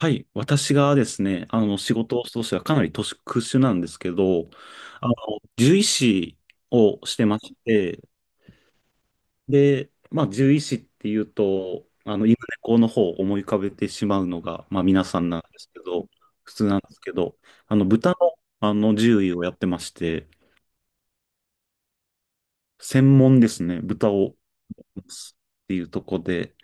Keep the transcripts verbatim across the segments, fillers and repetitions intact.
はい。私がですね、あの、仕事としてはかなり特殊なんですけど、あの、獣医師をしてまして、で、まあ、獣医師っていうと、あの、犬猫の方を思い浮かべてしまうのが、まあ、皆さんなんですけど、普通なんですけど、あの、豚の、あの、獣医をやってまして、専門ですね、豚を、っていうとこで、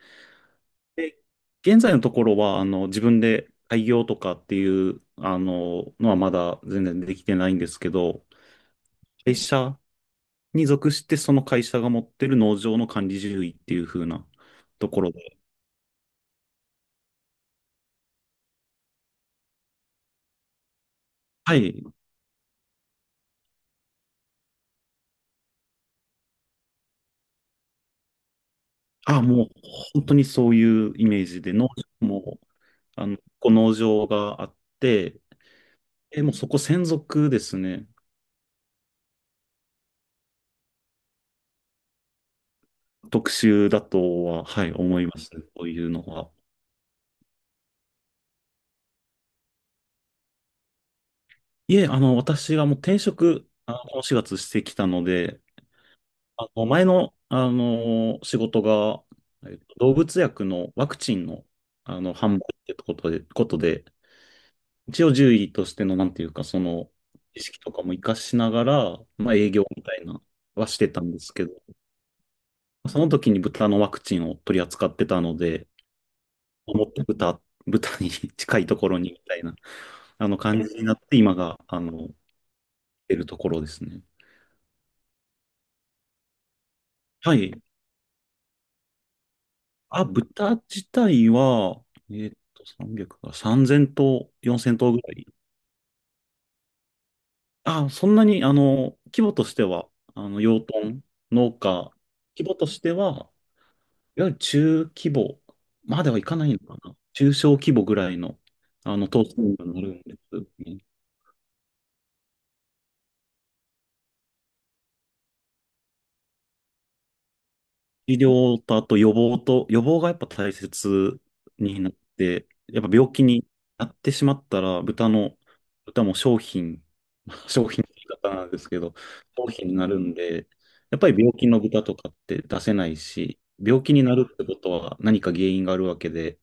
で現在のところは、あの、自分で開業とかっていう、あの、のはまだ全然できてないんですけど、会社に属して、その会社が持ってる農場の管理獣医っていう風なところで、はい。あ、もう本当にそういうイメージで、農場も、あの、こう農場があって、え、もうそこ専属ですね。特集だとは、はい、思います。こういうのは。いえ、あの、私がもう転職、あの、このしがつしてきたので、あの前の、あの仕事が、えっと動物薬のワクチンの、あの販売ってことで、ことで、一応獣医としての、なんていうか、その知識とかも活かしながら、まあ、営業みたいなはしてたんですけど、その時に豚のワクチンを取り扱ってたので、思って豚、豚に 近いところにみたいなあの感じになって、今があの出るところですね。はい。あ、豚自体は、えーっと、さんびゃくか、さんぜん頭、よんせん頭ぐらい。あ、そんなに、あの、規模としては、あの、養豚、農家、規模としては、いわゆる中規模まではいかないのかな。中小規模ぐらいの、あの、頭数になるんですね。医療とあと予防と、予防がやっぱ大切になって、やっぱ病気になってしまったら、豚の、豚も商品、商品の言い方なんですけど、商品になるんで、やっぱり病気の豚とかって出せないし、病気になるってことは何か原因があるわけで、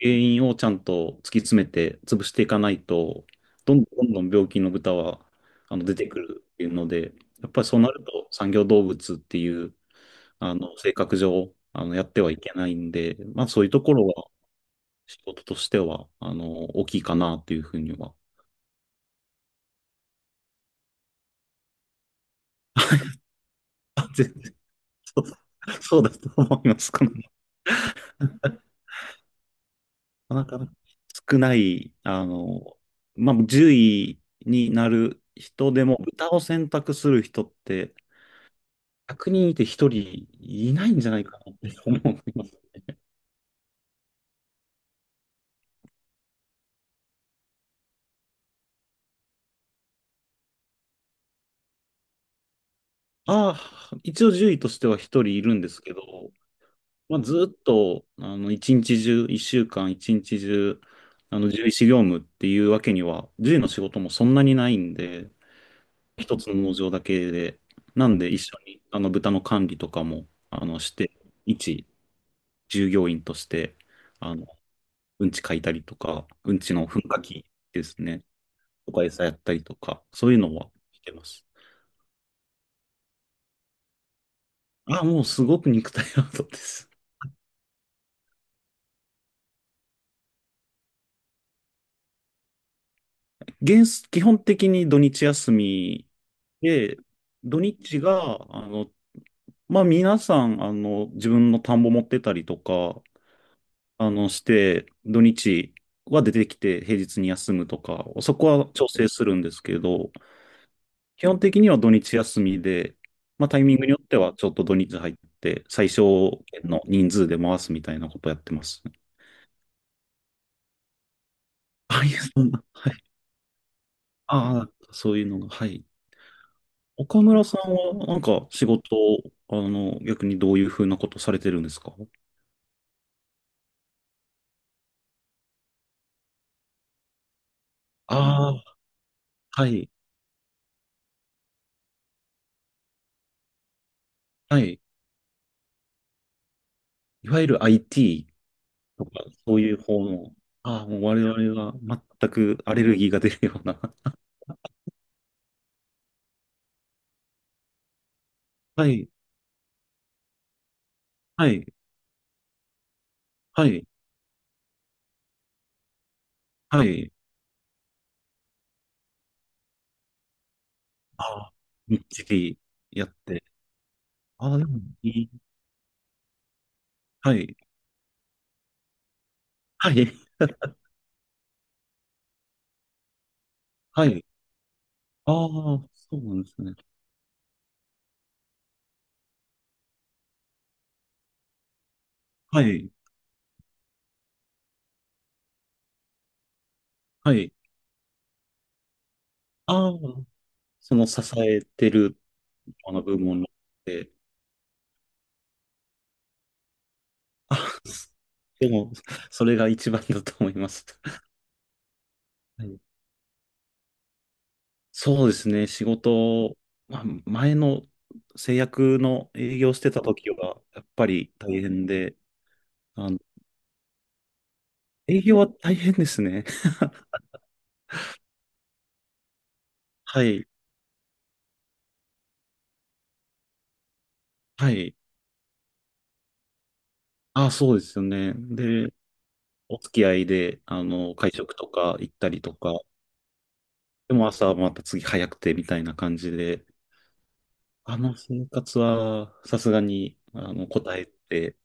原因をちゃんと突き詰めて潰していかないと、どんどんどんどん病気の豚はあの出てくるっていうので、やっぱりそうなると産業動物っていうあの、性格上、あの、やってはいけないんで、まあ、そういうところは、仕事としては、あの、大きいかなっていうふうには。あ、全然、そう、そうだと思います。この なかなか少ない、あの、まあ、じゅういになる人でも、歌を選択する人って、ひゃくにんいてひとりいないんじゃないかなって思います。ああ、一応じゅういとしてはひとりいるんですけど、まあ、ずっと、あの、一日中、一週間、一日中、あの、獣医師業務っていうわけには、獣医の仕事もそんなにないんで、一つの農場だけで、なんで一緒に、あの、豚の管理とかも、あの、して、一従業員として、あの、うんち書いたりとか、うんちの噴火器ですね、とか餌やったりとか、そういうのはしてます。あ、もうすごく肉体労働です。原則基本的に土日休みで、土日が、あの、まあ、皆さん、あの、自分の田んぼ持ってたりとか、あの、して、土日は出てきて平日に休むとか、そこは調整するんですけど、基本的には土日休みで、まあ、タイミングによってはちょっと土日入って、最小限の人数で回すみたいなことやってます。あ、いえ、そんな、はい。ああ、そういうのが、はい。岡村さんは、なんか、仕事、あの、逆にどういうふうなことされてるんですか？ああー、はい、はい。いわゆる アイティー とか、そういう方の、ああ、もう我々は全くアレルギーが出るような。はい、はい、はい、はい。ああ、みっちりやって。ああ、でもいい。はい、はい、はい。ああ、そうなんですね。はい、はい。ああ、その支えてるあの部門で、あ、でも、それが一番だと思います。はい。そうですね、仕事、まあ、前の製薬の営業してた時は、やっぱり大変で、あの、営業は大変ですね。はい、はい。あ、そうですよね。で、お付き合いで、あの、会食とか行ったりとか、でも朝はまた次早くてみたいな感じで、あの生活はさすがに、あの、答えて、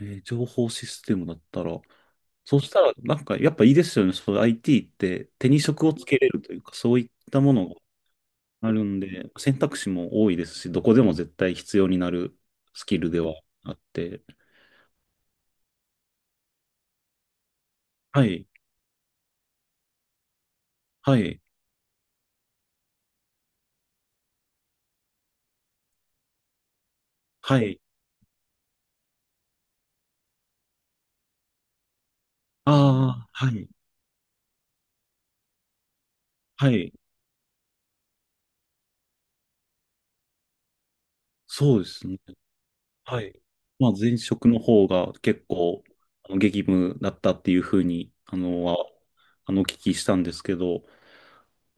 えー情報システムだったら、そしたら、なんか、やっぱいいですよね。そう、アイティー って手に職をつけれるというか、そういったものがあるんで、選択肢も多いですし、どこでも絶対必要になるスキルではあって。はい、はい、はい。ああ、はい、はい。そうですね。はい。まあ、前職の方が結構、あの激務だったっていうふうに、あの、は、あの、お聞きしたんですけど、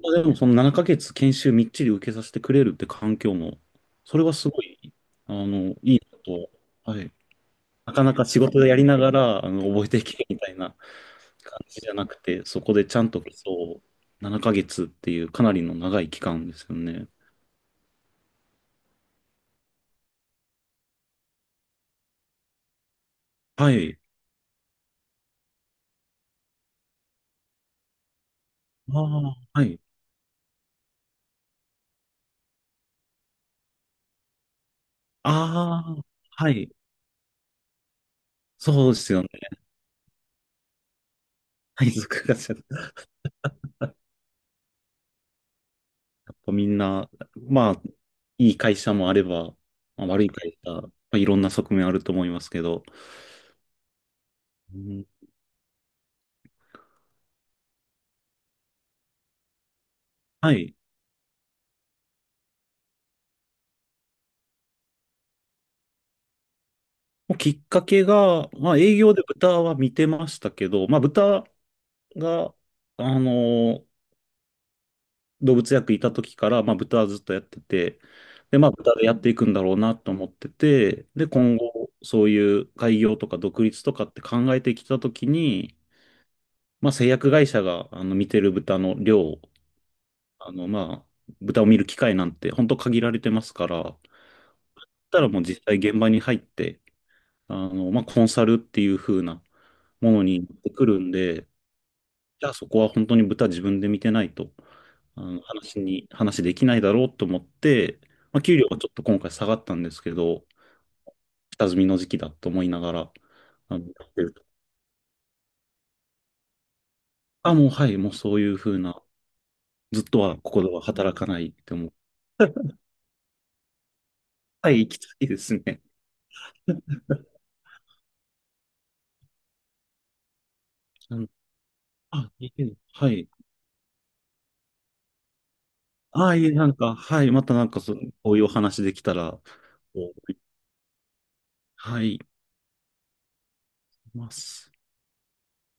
まあでもそのななかげつ研修みっちり受けさせてくれるって環境も、それはすごい、あの、いいなと、はい。なかなか仕事でやりながら、あの、覚えていけみたいな感じじゃなくて、そこでちゃんとそう、ななかげつっていうかなりの長い期間ですよね。はい。ああ、はい。ああ、はい。そうですよね。配属がちゃやっぱみんな、まあ、いい会社もあれば、まあ悪い会社、まあ、いろんな側面あると思いますけど、うん。はい。もうきっかけが、まあ営業で豚は見てましたけど、まあ豚が、あの動物薬いた時から、まあ豚はずっとやってて、で、まあ豚でやっていくんだろうなと思ってて、で、今後、そういう開業とか独立とかって考えてきた時に、まあ製薬会社が、あの、見てる豚の量、あの、まあ、豚を見る機会なんて本当限られてますから、だったらもう実際現場に入って、あの、まあコンサルっていう風な、ものになってくるんで、じゃあそこは本当に豚自分で見てないと、あの話に、話できないだろうと思って、まあ、給料がちょっと今回下がったんですけど、下積みの時期だと思いながら、あの、やってると。あ、もうはい、もうそういうふうな、ずっとはここでは働かないって思う。はい、行きたいですね。うん。あ、いいけどはい。あ、いい、なんか、はい、またなんかそう、こういうお話できたら、こうはい、います。